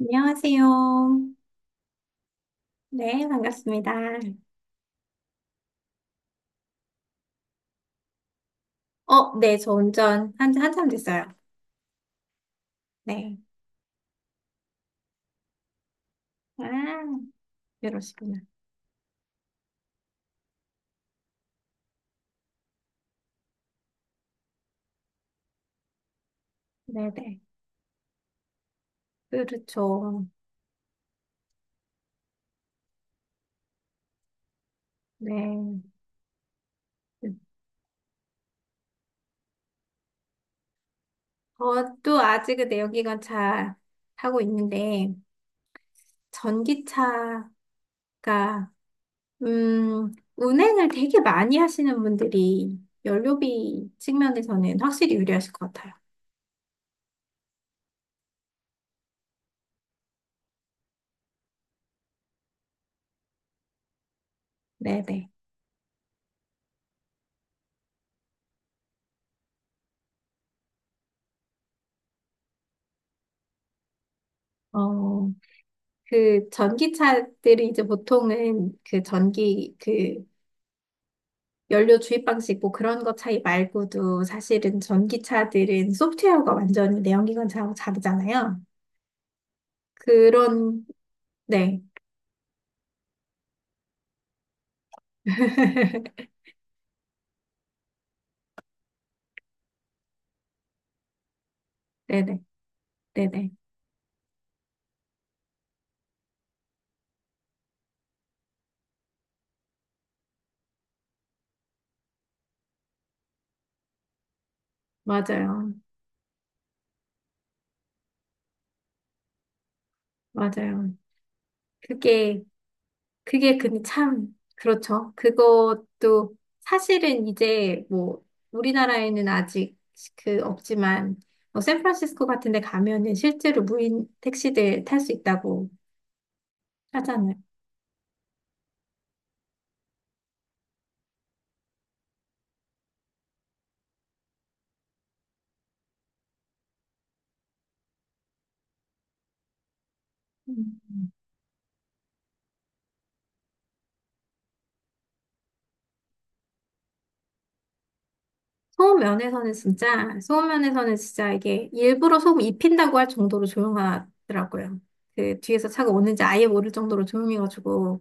안녕하세요. 네, 반갑습니다. 어, 네, 저 운전 한참 됐어요. 네. 아, 이러시구나. 네네. 그렇죠. 네. 저도 아직은 내연기관차 타고 있는데, 전기차가, 운행을 되게 많이 하시는 분들이 연료비 측면에서는 확실히 유리하실 것 같아요. 네네. 어, 그 전기차들이 이제 보통은 그 전기 그 연료 주입 방식 뭐 그런 것 차이 말고도 사실은 전기차들은 소프트웨어가 완전히 내연기관 차하고 다르잖아요. 그런 네. 네네. 네네. 맞아요. 맞아요. 그게 그게 근데 참, 그렇죠. 그것도 사실은 이제 뭐 우리나라에는 아직 그 없지만 뭐 샌프란시스코 같은 데 가면은 실제로 무인 택시들 탈 수 있다고 하잖아요. 음. 소음 면에서는 진짜, 소음 면에서는 진짜 이게 일부러 소음 입힌다고 할 정도로 조용하더라고요. 그 뒤에서 차가 오는지 아예 모를 정도로 조용해가지고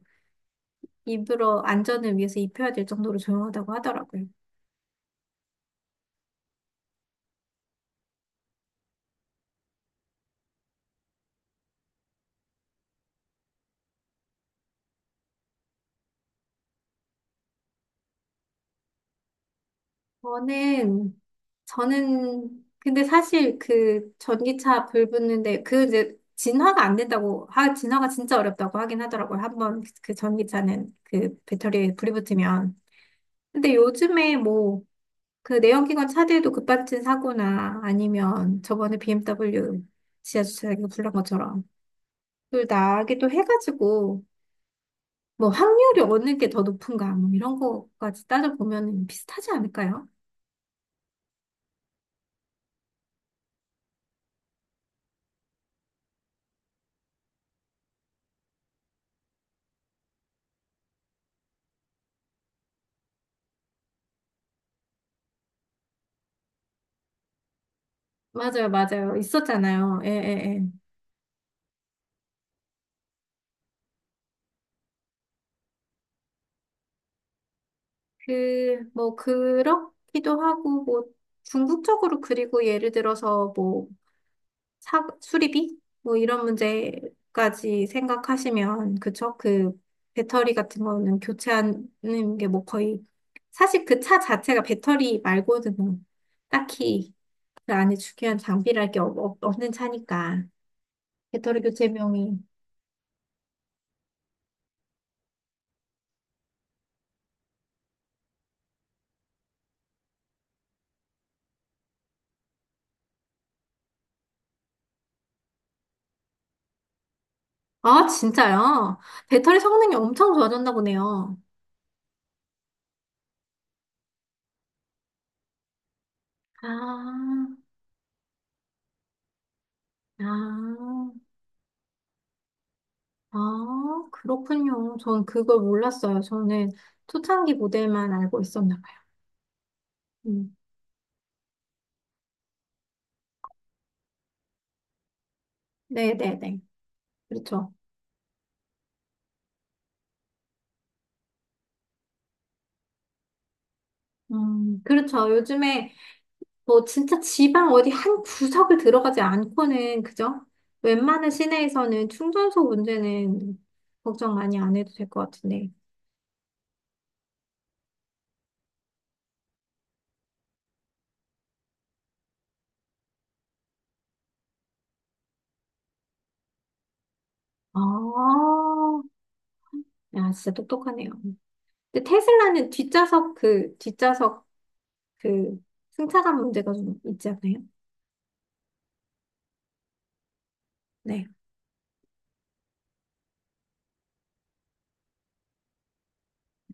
일부러 안전을 위해서 입혀야 될 정도로 조용하다고 하더라고요. 저는 저는 근데 사실 그 전기차 불 붙는데 그 이제 진화가 안 된다고 하 진화가 진짜 어렵다고 하긴 하더라고요. 한번 그 전기차는 그 배터리에 불이 붙으면. 근데 요즘에 뭐 그 내연기관 차들도 급발진 사고나 아니면 저번에 BMW 지하주차장에서 불난 것처럼 불 나기도 해가지고 뭐 확률이 어느 게 더 높은가 뭐 이런 거까지 따져보면 비슷하지 않을까요? 맞아요, 맞아요. 있었잖아요. 예, 예, 예. 그, 뭐, 그렇기도 하고, 뭐, 궁극적으로 그리고 예를 들어서 뭐, 수리비? 뭐, 이런 문제까지 생각하시면, 그쵸? 그, 배터리 같은 거는 교체하는 게 뭐 거의, 사실 그 차 자체가 배터리 말고는 뭐, 딱히 그 안에 중요한 장비랄 게 없는 차니까. 배터리 교체 비용이. 아, 진짜요? 배터리 성능이 엄청 좋아졌나 보네요. 아, 아. 아, 그렇군요. 전 그걸 몰랐어요. 저는 초창기 모델만 알고 있었나 봐요. 음, 네네네. 그렇죠. 그렇죠. 요즘에 뭐 진짜 지방 어디 한 구석을 들어가지 않고는, 그죠? 웬만한 시내에서는 충전소 문제는 걱정 많이 안 해도 될 것 같은데. 아, 야, 진짜 똑똑하네요. 근데 테슬라는 뒷좌석 그 승차감 문제가 좀 있지 않나요? 네.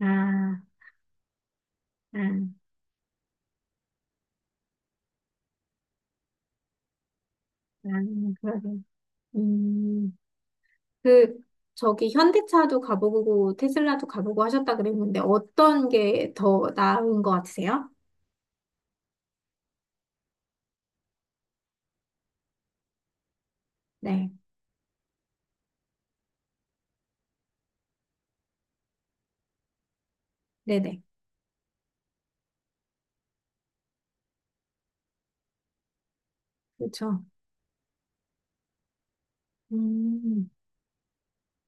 아, 아. 아, 그러게. 음, 그, 저기 현대차도 가보고 테슬라도 가보고 하셨다 그랬는데 어떤 게 더 나은 것 같으세요? 네, 네네. 그렇죠. 음,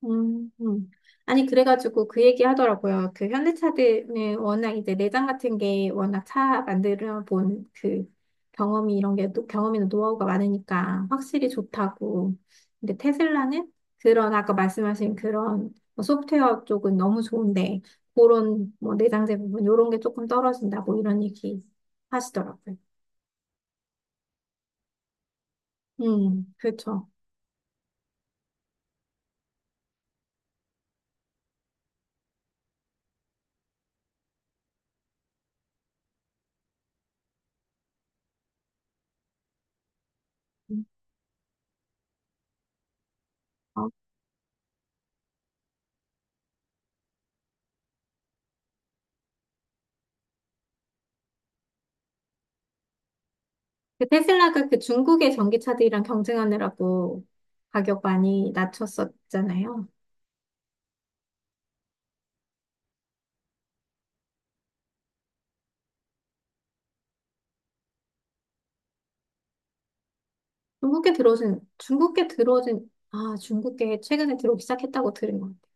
음, 음. 아니, 그래가지고 그 얘기 하더라고요. 그 현대차들은 워낙 이제 내장 같은 게 워낙 차 만들어 본 그 경험이나 노하우가 많으니까 확실히 좋다고. 근데 테슬라는 그런 아까 말씀하신 그런 뭐 소프트웨어 쪽은 너무 좋은데 그런 뭐 내장재 부분 이런 게 조금 떨어진다고 이런 얘기 하시더라고요. 그렇죠. 음. 어. 그 테슬라가 그 중국의 전기차들이랑 경쟁하느라고 가격 많이 낮췄었잖아요. 중국계 최근에 들어오기 시작했다고 들은 것 같아요.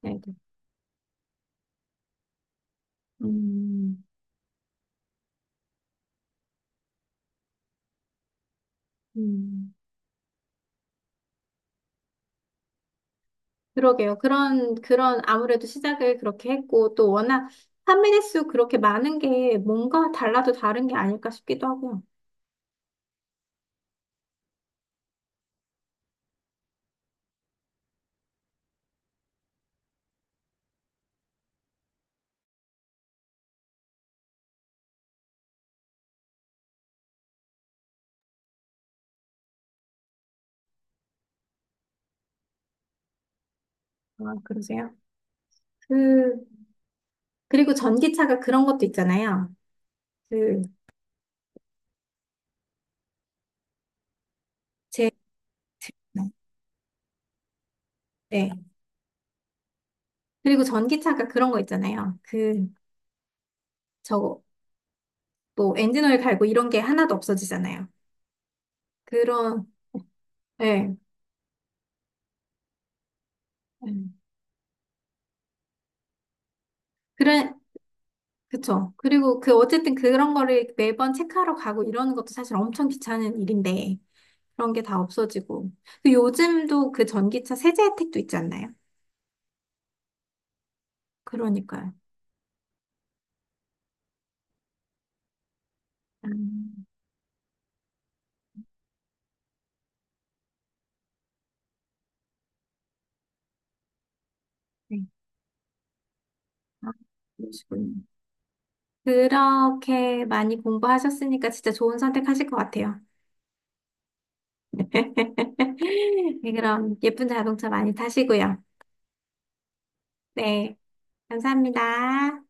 네, 네. 음, 음. 그러게요. 아무래도 시작을 그렇게 했고, 또 워낙 판매대 수 그렇게 많은 게 뭔가 달라도 다른 게 아닐까 싶기도 하고요. 아, 그러세요? 그, 그리고 전기차가 그런 것도 있잖아요. 그, 제, 네. 그리고 전기차가 그런 거 있잖아요. 그, 저거, 뭐, 엔진오일 갈고 이런 게 하나도 없어지잖아요. 그런, 예. 예. 그래, 그쵸. 그리고 그, 어쨌든 그런 거를 매번 체크하러 가고 이러는 것도 사실 엄청 귀찮은 일인데, 그런 게 다 없어지고. 그 요즘도 그 전기차 세제 혜택도 있지 않나요? 그러니까요. 음, 네. 아, 그러시군요. 그렇게 많이 공부하셨으니까 진짜 좋은 선택하실 것 같아요. 네, 그럼 예쁜 자동차 많이 타시고요. 네, 감사합니다.